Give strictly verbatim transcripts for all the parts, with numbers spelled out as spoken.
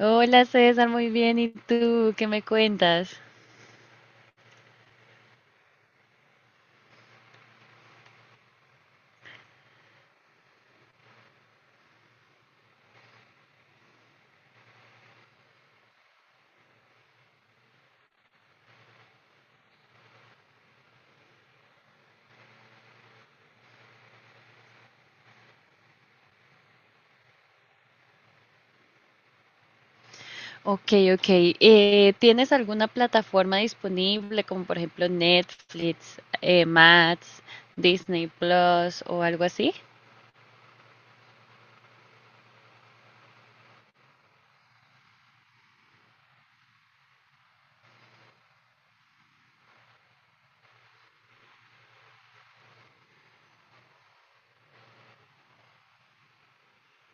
Hola César, muy bien. ¿Y tú qué me cuentas? Ok, ok. Eh, ¿tienes alguna plataforma disponible, como por ejemplo Netflix, eh, Max, Disney Plus o algo así?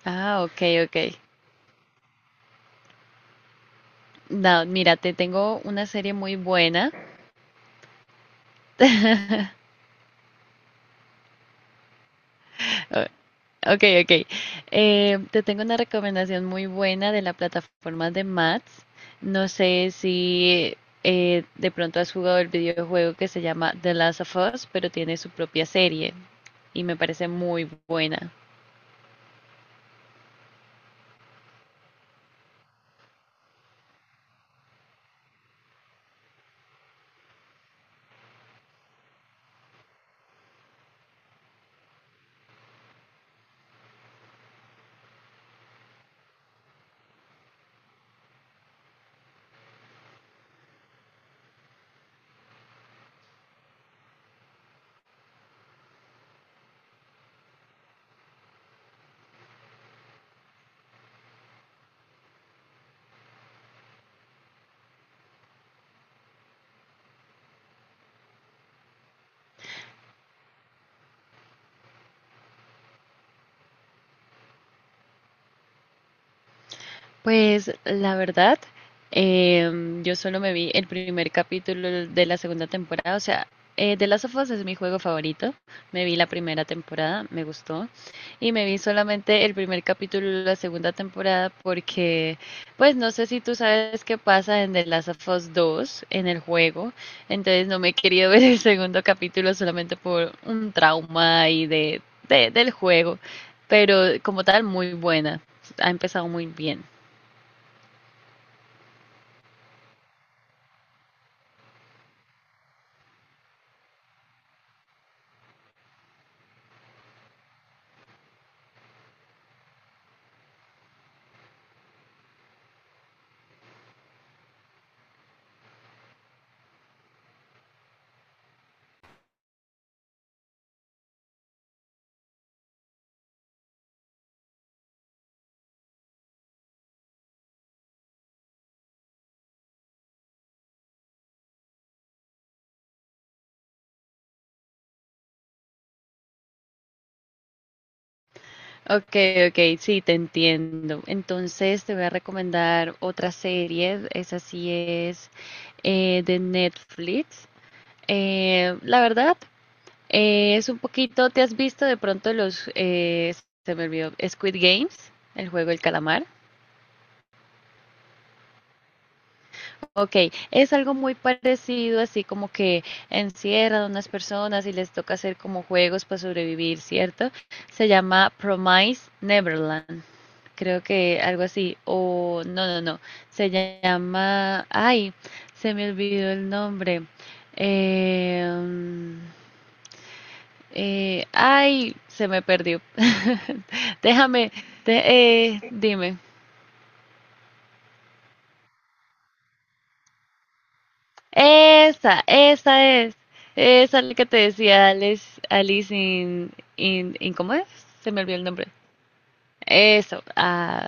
Ah, ok, ok. No, mira, te tengo una serie muy buena. Ok, ok. Eh, te tengo una recomendación muy buena de la plataforma de Mats. No sé si eh, de pronto has jugado el videojuego que se llama The Last of Us, pero tiene su propia serie y me parece muy buena. Pues la verdad, em, yo solo me vi el primer capítulo de la segunda temporada, o sea, eh, The Last of Us es mi juego favorito, me vi la primera temporada, me gustó, y me vi solamente el primer capítulo de la segunda temporada porque, pues no sé si tú sabes qué pasa en The Last of Us dos, en el juego, entonces no me he querido ver el segundo capítulo solamente por un trauma ahí de, de- del juego, pero como tal, muy buena, ha empezado muy bien. Ok, ok, sí, te entiendo. Entonces te voy a recomendar otra serie, esa sí es eh, de Netflix. Eh, la verdad, eh, es un poquito, ¿te has visto de pronto los, eh, se me olvidó, Squid Games, el juego del calamar? Ok, es algo muy parecido, así como que encierran a unas personas y les toca hacer como juegos para sobrevivir, ¿cierto? Se llama Promise Neverland. Creo que algo así, o no, no, no, se llama, ay, se me olvidó el nombre, Em, eh, ay, se me perdió, déjame, de- eh, dime, esa, esa es, esa es la que te decía Alice, Alice in, in, in- ¿cómo es? Se me olvidó el nombre, eso, ah,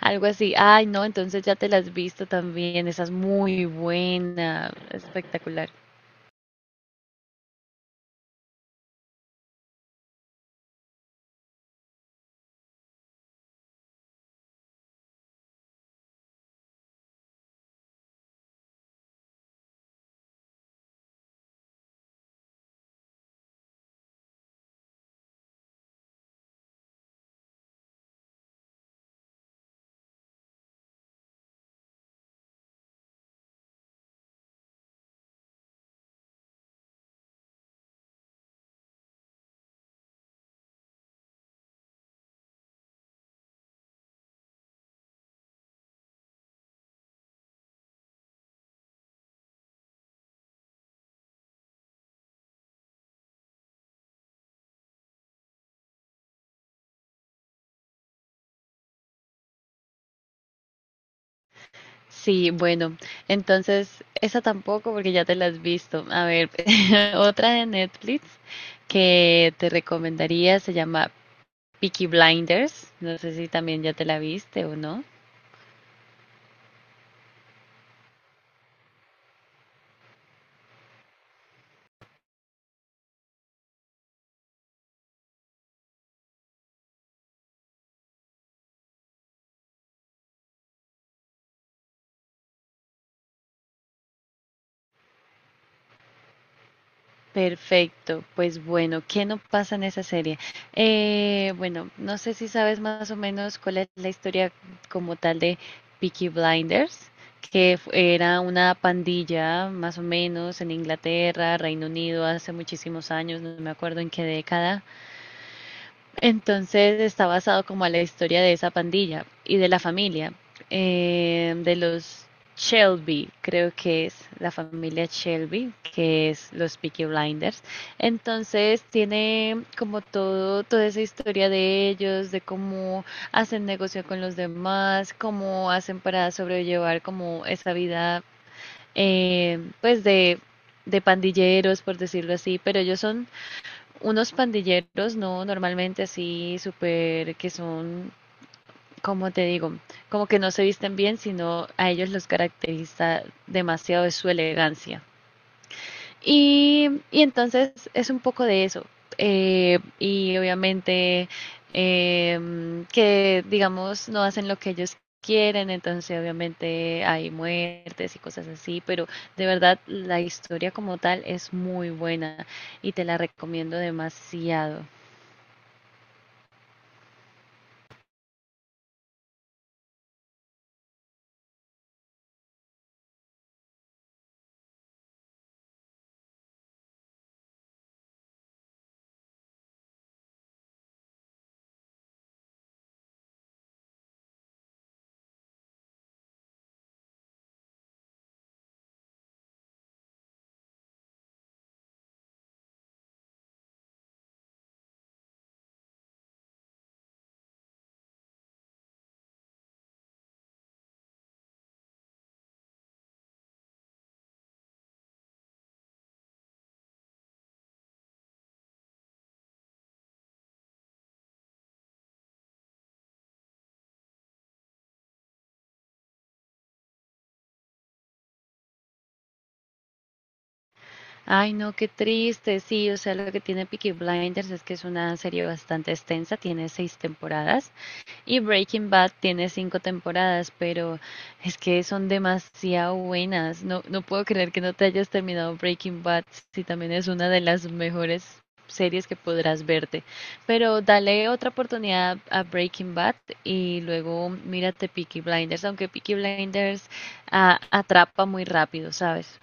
algo así. Ay, no, entonces ya te la has visto también. Esa es muy buena. Espectacular. Sí, bueno. Entonces, esa tampoco porque ya te la has visto. A ver, otra de Netflix que te recomendaría se llama Peaky Blinders. No sé si también ya te la viste o no. Perfecto, pues bueno, ¿qué no pasa en esa serie? Eh, bueno, no sé si sabes más o menos cuál es la historia como tal de Peaky Blinders, que fu- era una pandilla más o menos en Inglaterra, Reino Unido, hace muchísimos años, no me acuerdo en qué década. Entonces está basado como a la historia de esa pandilla y de la familia, eh, de los Shelby, creo que es la familia Shelby, que es los Peaky Blinders. Entonces tiene como todo, toda esa historia de ellos, de cómo hacen negocio con los demás, cómo hacen para sobrellevar como esa vida, eh, pues de, de pandilleros, por decirlo así, pero ellos son unos pandilleros, no, normalmente así, súper, que son, como te digo, como que no se visten bien, sino a ellos los caracteriza demasiado de su elegancia. Y, y entonces es un poco de eso. Eh, y obviamente eh, que, digamos, no hacen lo que ellos quieren, entonces obviamente hay muertes y cosas así, pero de verdad la historia como tal es muy buena y te la recomiendo demasiado. Ay, no, qué triste. Sí, o sea, lo que tiene Peaky Blinders es que es una serie bastante extensa, tiene seis temporadas y Breaking Bad tiene cinco temporadas, pero es que son demasiado buenas. No, no puedo creer que no te hayas terminado Breaking Bad, si también es una de las mejores series que podrás verte. Pero dale otra oportunidad a Breaking Bad y luego mírate Peaky Blinders, aunque Peaky Blinders ah, atrapa muy rápido, ¿sabes?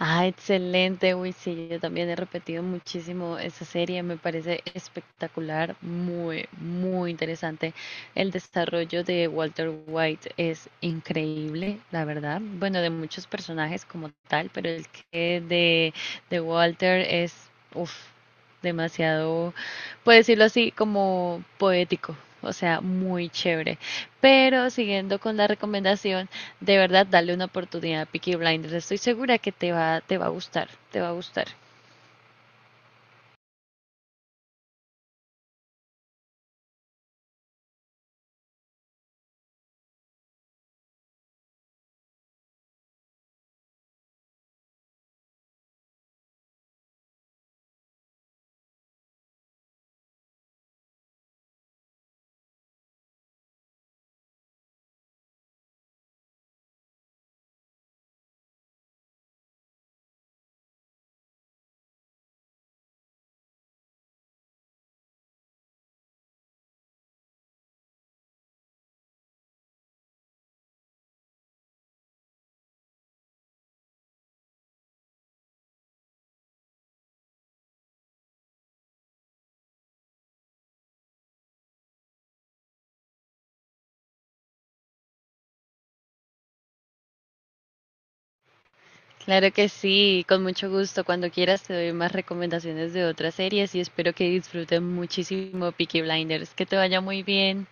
Ah, excelente, uy, sí, yo también he repetido muchísimo esa serie, me parece espectacular, muy, muy interesante. El desarrollo de Walter White es increíble, la verdad. Bueno, de muchos personajes como tal, pero el que de, de Walter es, uff, demasiado, puedo decirlo así, como poético, o sea, muy chévere. Pero siguiendo con la recomendación de verdad, dale una oportunidad a Peaky Blinders. Estoy segura que te va, te va a gustar, te va a gustar. Claro que sí, con mucho gusto. Cuando quieras te doy más recomendaciones de otras series y espero que disfruten muchísimo Peaky Blinders. Que te vaya muy bien.